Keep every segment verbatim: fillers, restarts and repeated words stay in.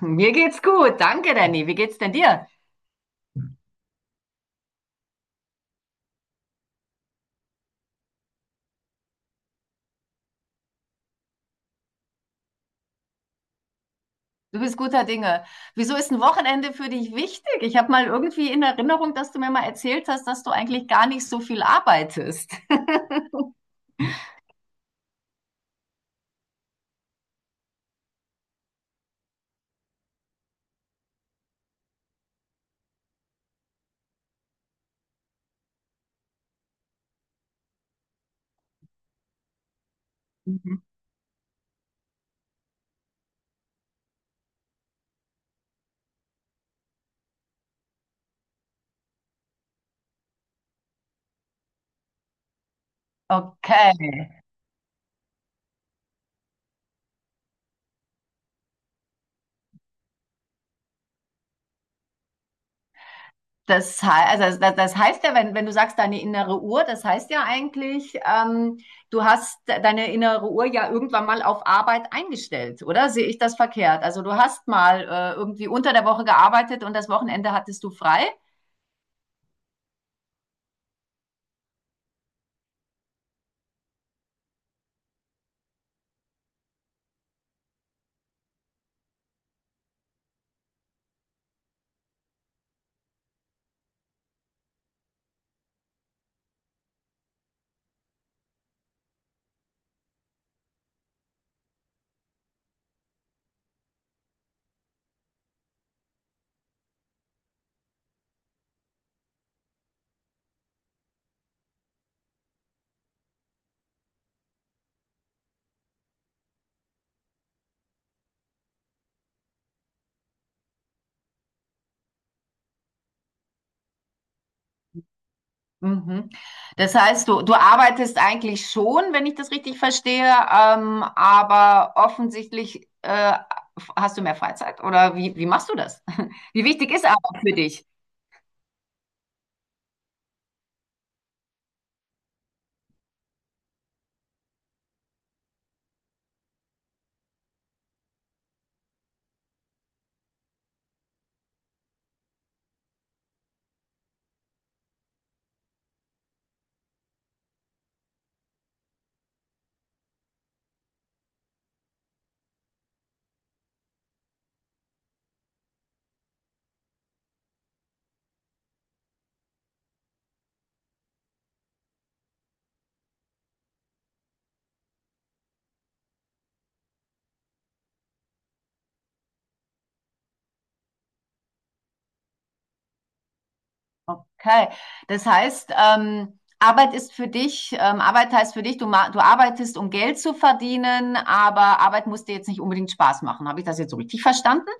Mir geht's gut. Danke, Danny. Wie geht's denn dir? Du bist guter Dinge. Wieso ist ein Wochenende für dich wichtig? Ich habe mal irgendwie in Erinnerung, dass du mir mal erzählt hast, dass du eigentlich gar nicht so viel arbeitest. Mhm. Okay. Das heißt, also das, das heißt ja, wenn, wenn du sagst, deine innere Uhr, das heißt ja eigentlich, ähm, du hast de- deine innere Uhr ja irgendwann mal auf Arbeit eingestellt, oder? Sehe ich das verkehrt? Also du hast mal äh, irgendwie unter der Woche gearbeitet und das Wochenende hattest du frei? Mhm. Das heißt, du, du arbeitest eigentlich schon, wenn ich das richtig verstehe, ähm, aber offensichtlich äh, hast du mehr Freizeit oder wie, wie machst du das? Wie wichtig ist Arbeit für dich? Okay, das heißt, ähm, Arbeit ist für dich, ähm, Arbeit heißt für dich, du, ma- du arbeitest, um Geld zu verdienen, aber Arbeit muss dir jetzt nicht unbedingt Spaß machen. Habe ich das jetzt so richtig verstanden?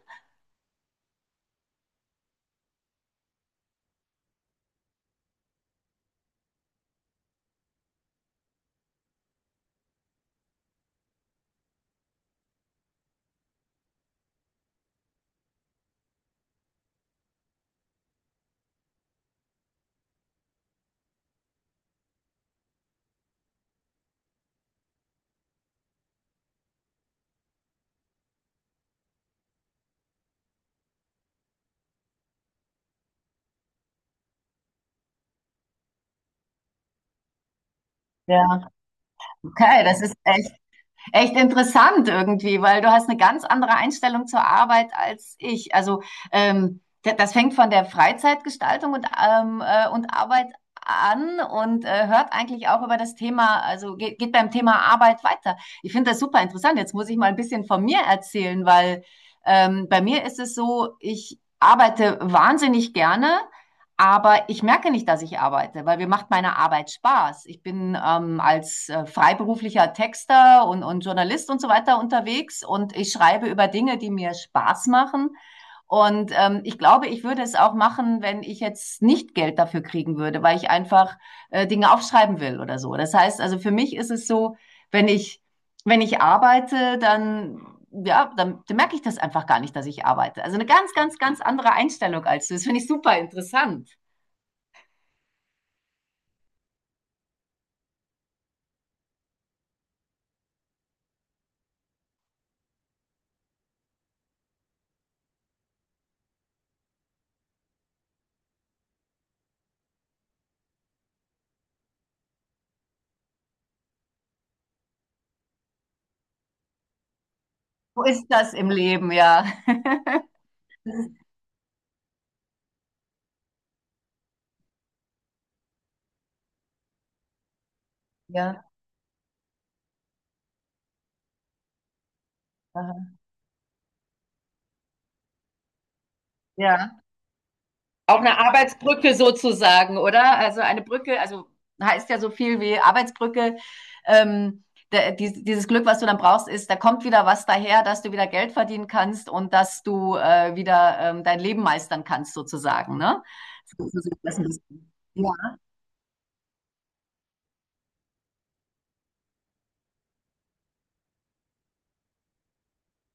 Ja, okay, das ist echt. echt interessant irgendwie, weil du hast eine ganz andere Einstellung zur Arbeit als ich. Also ähm, das fängt von der Freizeitgestaltung und, ähm, äh, und Arbeit an und äh, hört eigentlich auch über das Thema, also geht, geht beim Thema Arbeit weiter. Ich finde das super interessant. Jetzt muss ich mal ein bisschen von mir erzählen, weil ähm, bei mir ist es so, ich arbeite wahnsinnig gerne, aber ich merke nicht, dass ich arbeite, weil mir macht meine Arbeit Spaß. Ich bin ähm, als äh, freiberuflicher Texter und, und Journalist und so weiter unterwegs und ich schreibe über Dinge, die mir Spaß machen. Und ähm, ich glaube, ich würde es auch machen, wenn ich jetzt nicht Geld dafür kriegen würde, weil ich einfach äh, Dinge aufschreiben will oder so. Das heißt, also für mich ist es so, wenn ich, wenn ich arbeite, dann ja, dann, dann merke ich das einfach gar nicht, dass ich arbeite. Also eine ganz, ganz, ganz andere Einstellung als du. Das finde ich super interessant. So ist das im Leben, ja. Ja, aha, ja. Auch eine Arbeitsbrücke sozusagen, oder? Also, eine Brücke, also, heißt ja so viel wie Arbeitsbrücke. Ähm, Da dies dieses Glück, was du dann brauchst, ist, da kommt wieder was daher, dass du wieder Geld verdienen kannst und dass du, äh, wieder, ähm, dein Leben meistern kannst sozusagen, ne? So so sieht das 'n bisschen ja,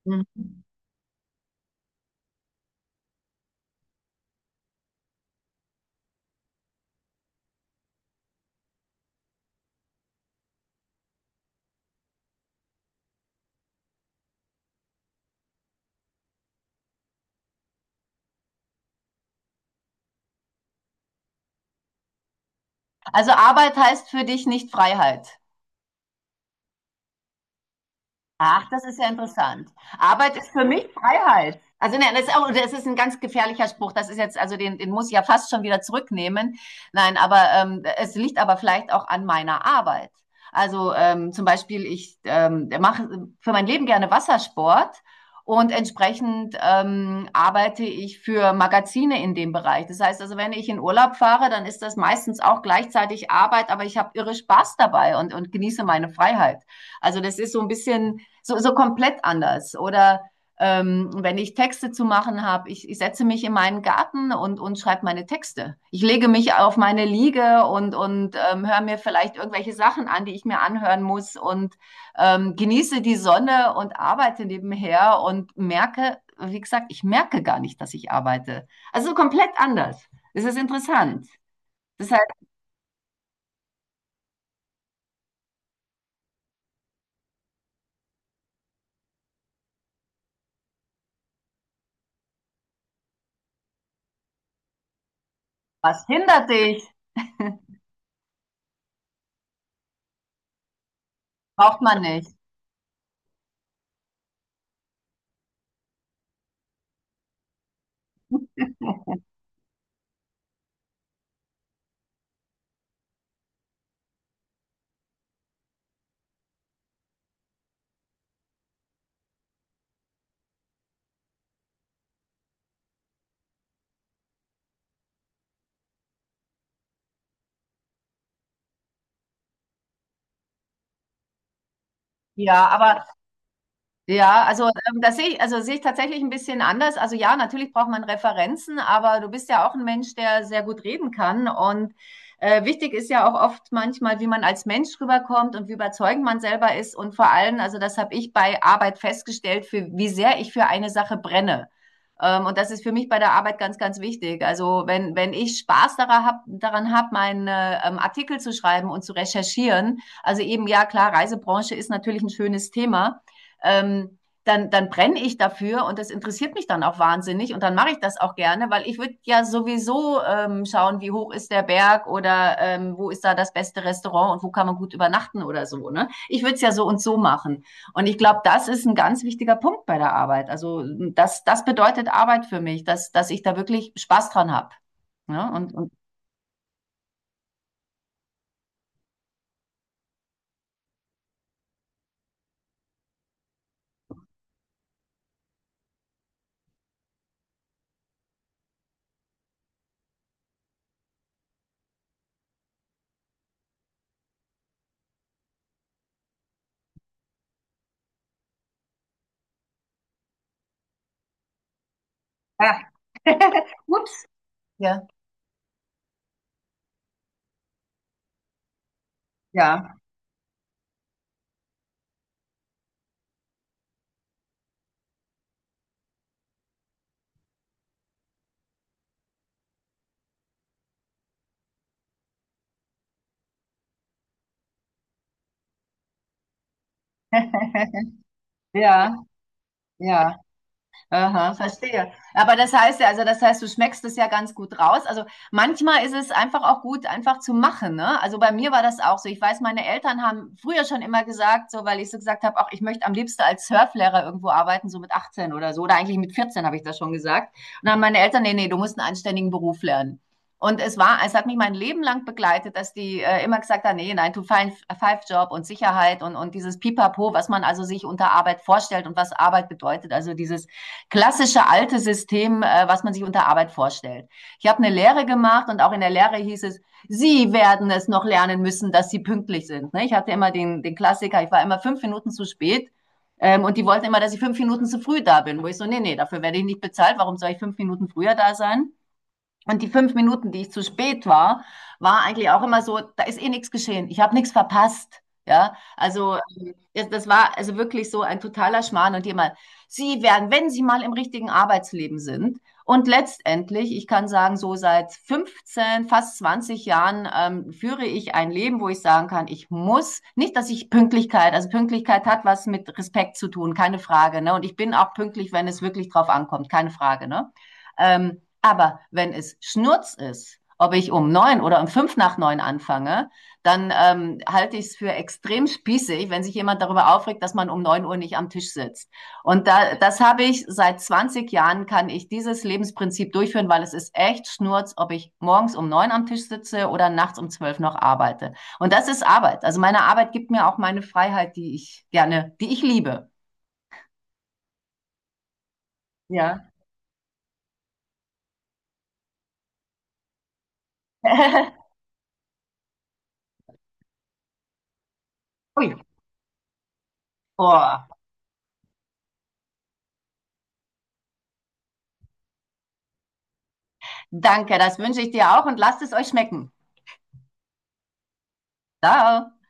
mhm. Also, Arbeit heißt für dich nicht Freiheit? Ach, das ist ja interessant. Arbeit ist für mich Freiheit. Also nein, das ist, auch, das ist ein ganz gefährlicher Spruch. Das ist jetzt, also den, den muss ich ja fast schon wieder zurücknehmen. Nein, aber ähm, es liegt aber vielleicht auch an meiner Arbeit. Also ähm, zum Beispiel, ich ähm, mache für mein Leben gerne Wassersport und entsprechend ähm, arbeite ich für Magazine in dem Bereich. Das heißt also, wenn ich in Urlaub fahre, dann ist das meistens auch gleichzeitig Arbeit, aber ich habe irre Spaß dabei und, und genieße meine Freiheit. Also das ist so ein bisschen so, so komplett anders. Oder ähm, wenn ich Texte zu machen habe, ich, ich setze mich in meinen Garten und, und schreibe meine Texte. Ich lege mich auf meine Liege und, und ähm, höre mir vielleicht irgendwelche Sachen an, die ich mir anhören muss und ähm, genieße die Sonne und arbeite nebenher und merke, wie gesagt, ich merke gar nicht, dass ich arbeite. Also komplett anders. Es ist interessant. Das heißt, was hindert dich? Braucht man nicht. Ja, aber Ja, also ähm, das sehe ich, also sehe ich tatsächlich ein bisschen anders. Also ja, natürlich braucht man Referenzen, aber du bist ja auch ein Mensch, der sehr gut reden kann. Und äh, wichtig ist ja auch oft manchmal, wie man als Mensch rüberkommt und wie überzeugend man selber ist. Und vor allem, also das habe ich bei Arbeit festgestellt, für wie sehr ich für eine Sache brenne. Ähm, und das ist für mich bei der Arbeit ganz, ganz wichtig. Also wenn, wenn ich Spaß daran hab, daran hab, meinen äh, ähm, Artikel zu schreiben und zu recherchieren, also eben ja klar, Reisebranche ist natürlich ein schönes Thema, ähm, dann, dann brenne ich dafür und das interessiert mich dann auch wahnsinnig und dann mache ich das auch gerne, weil ich würde ja sowieso ähm, schauen, wie hoch ist der Berg oder ähm, wo ist da das beste Restaurant und wo kann man gut übernachten oder so. Ne? Ich würde es ja so und so machen. Und ich glaube, das ist ein ganz wichtiger Punkt bei der Arbeit. Also das, das bedeutet Arbeit für mich, dass, dass ich da wirklich Spaß dran habe. Ne? Und, und ja. Ups. Ja. Ja. ja, ja. Aha, verstehe. Aber das heißt ja, also das heißt, du schmeckst es ja ganz gut raus. Also manchmal ist es einfach auch gut, einfach zu machen. Ne? Also bei mir war das auch so. Ich weiß, meine Eltern haben früher schon immer gesagt, so weil ich so gesagt habe, auch ich möchte am liebsten als Surflehrer irgendwo arbeiten, so mit achtzehn oder so. Oder eigentlich mit vierzehn habe ich das schon gesagt. Und dann haben meine Eltern, nee, nee, du musst einen anständigen Beruf lernen. Und es war, es hat mich mein Leben lang begleitet, dass die äh, immer gesagt haben, nee, nein, nine to five Job und Sicherheit und, und dieses Pipapo, was man also sich unter Arbeit vorstellt und was Arbeit bedeutet. Also dieses klassische alte System, äh, was man sich unter Arbeit vorstellt. Ich habe eine Lehre gemacht und auch in der Lehre hieß es, Sie werden es noch lernen müssen, dass Sie pünktlich sind. Ne? Ich hatte immer den, den Klassiker, ich war immer fünf Minuten zu spät, ähm, und die wollten immer, dass ich fünf Minuten zu früh da bin, wo ich so, nee, nee, dafür werde ich nicht bezahlt, warum soll ich fünf Minuten früher da sein? Und die fünf Minuten, die ich zu spät war, war eigentlich auch immer so, da ist eh nichts geschehen. Ich habe nichts verpasst. Ja, also ähm, das war also wirklich so ein totaler Schmarrn und jemand, Sie werden, wenn Sie mal im richtigen Arbeitsleben sind, und letztendlich, ich kann sagen, so seit fünfzehn, fast zwanzig Jahren ähm, führe ich ein Leben, wo ich sagen kann, ich muss, nicht, dass ich Pünktlichkeit, also Pünktlichkeit hat was mit Respekt zu tun, keine Frage, ne? Und ich bin auch pünktlich, wenn es wirklich drauf ankommt, keine Frage, ne? Ähm, aber wenn es Schnurz ist, ob ich um neun oder um fünf nach neun anfange, dann ähm, halte ich es für extrem spießig, wenn sich jemand darüber aufregt, dass man um neun Uhr nicht am Tisch sitzt. Und da, das habe ich seit zwanzig Jahren, kann ich dieses Lebensprinzip durchführen, weil es ist echt Schnurz, ob ich morgens um neun am Tisch sitze oder nachts um zwölf noch arbeite. Und das ist Arbeit. Also meine Arbeit gibt mir auch meine Freiheit, die ich gerne, die ich liebe. Ja. Ui. Oh, danke, das wünsche ich dir auch und lasst es euch schmecken. Ciao.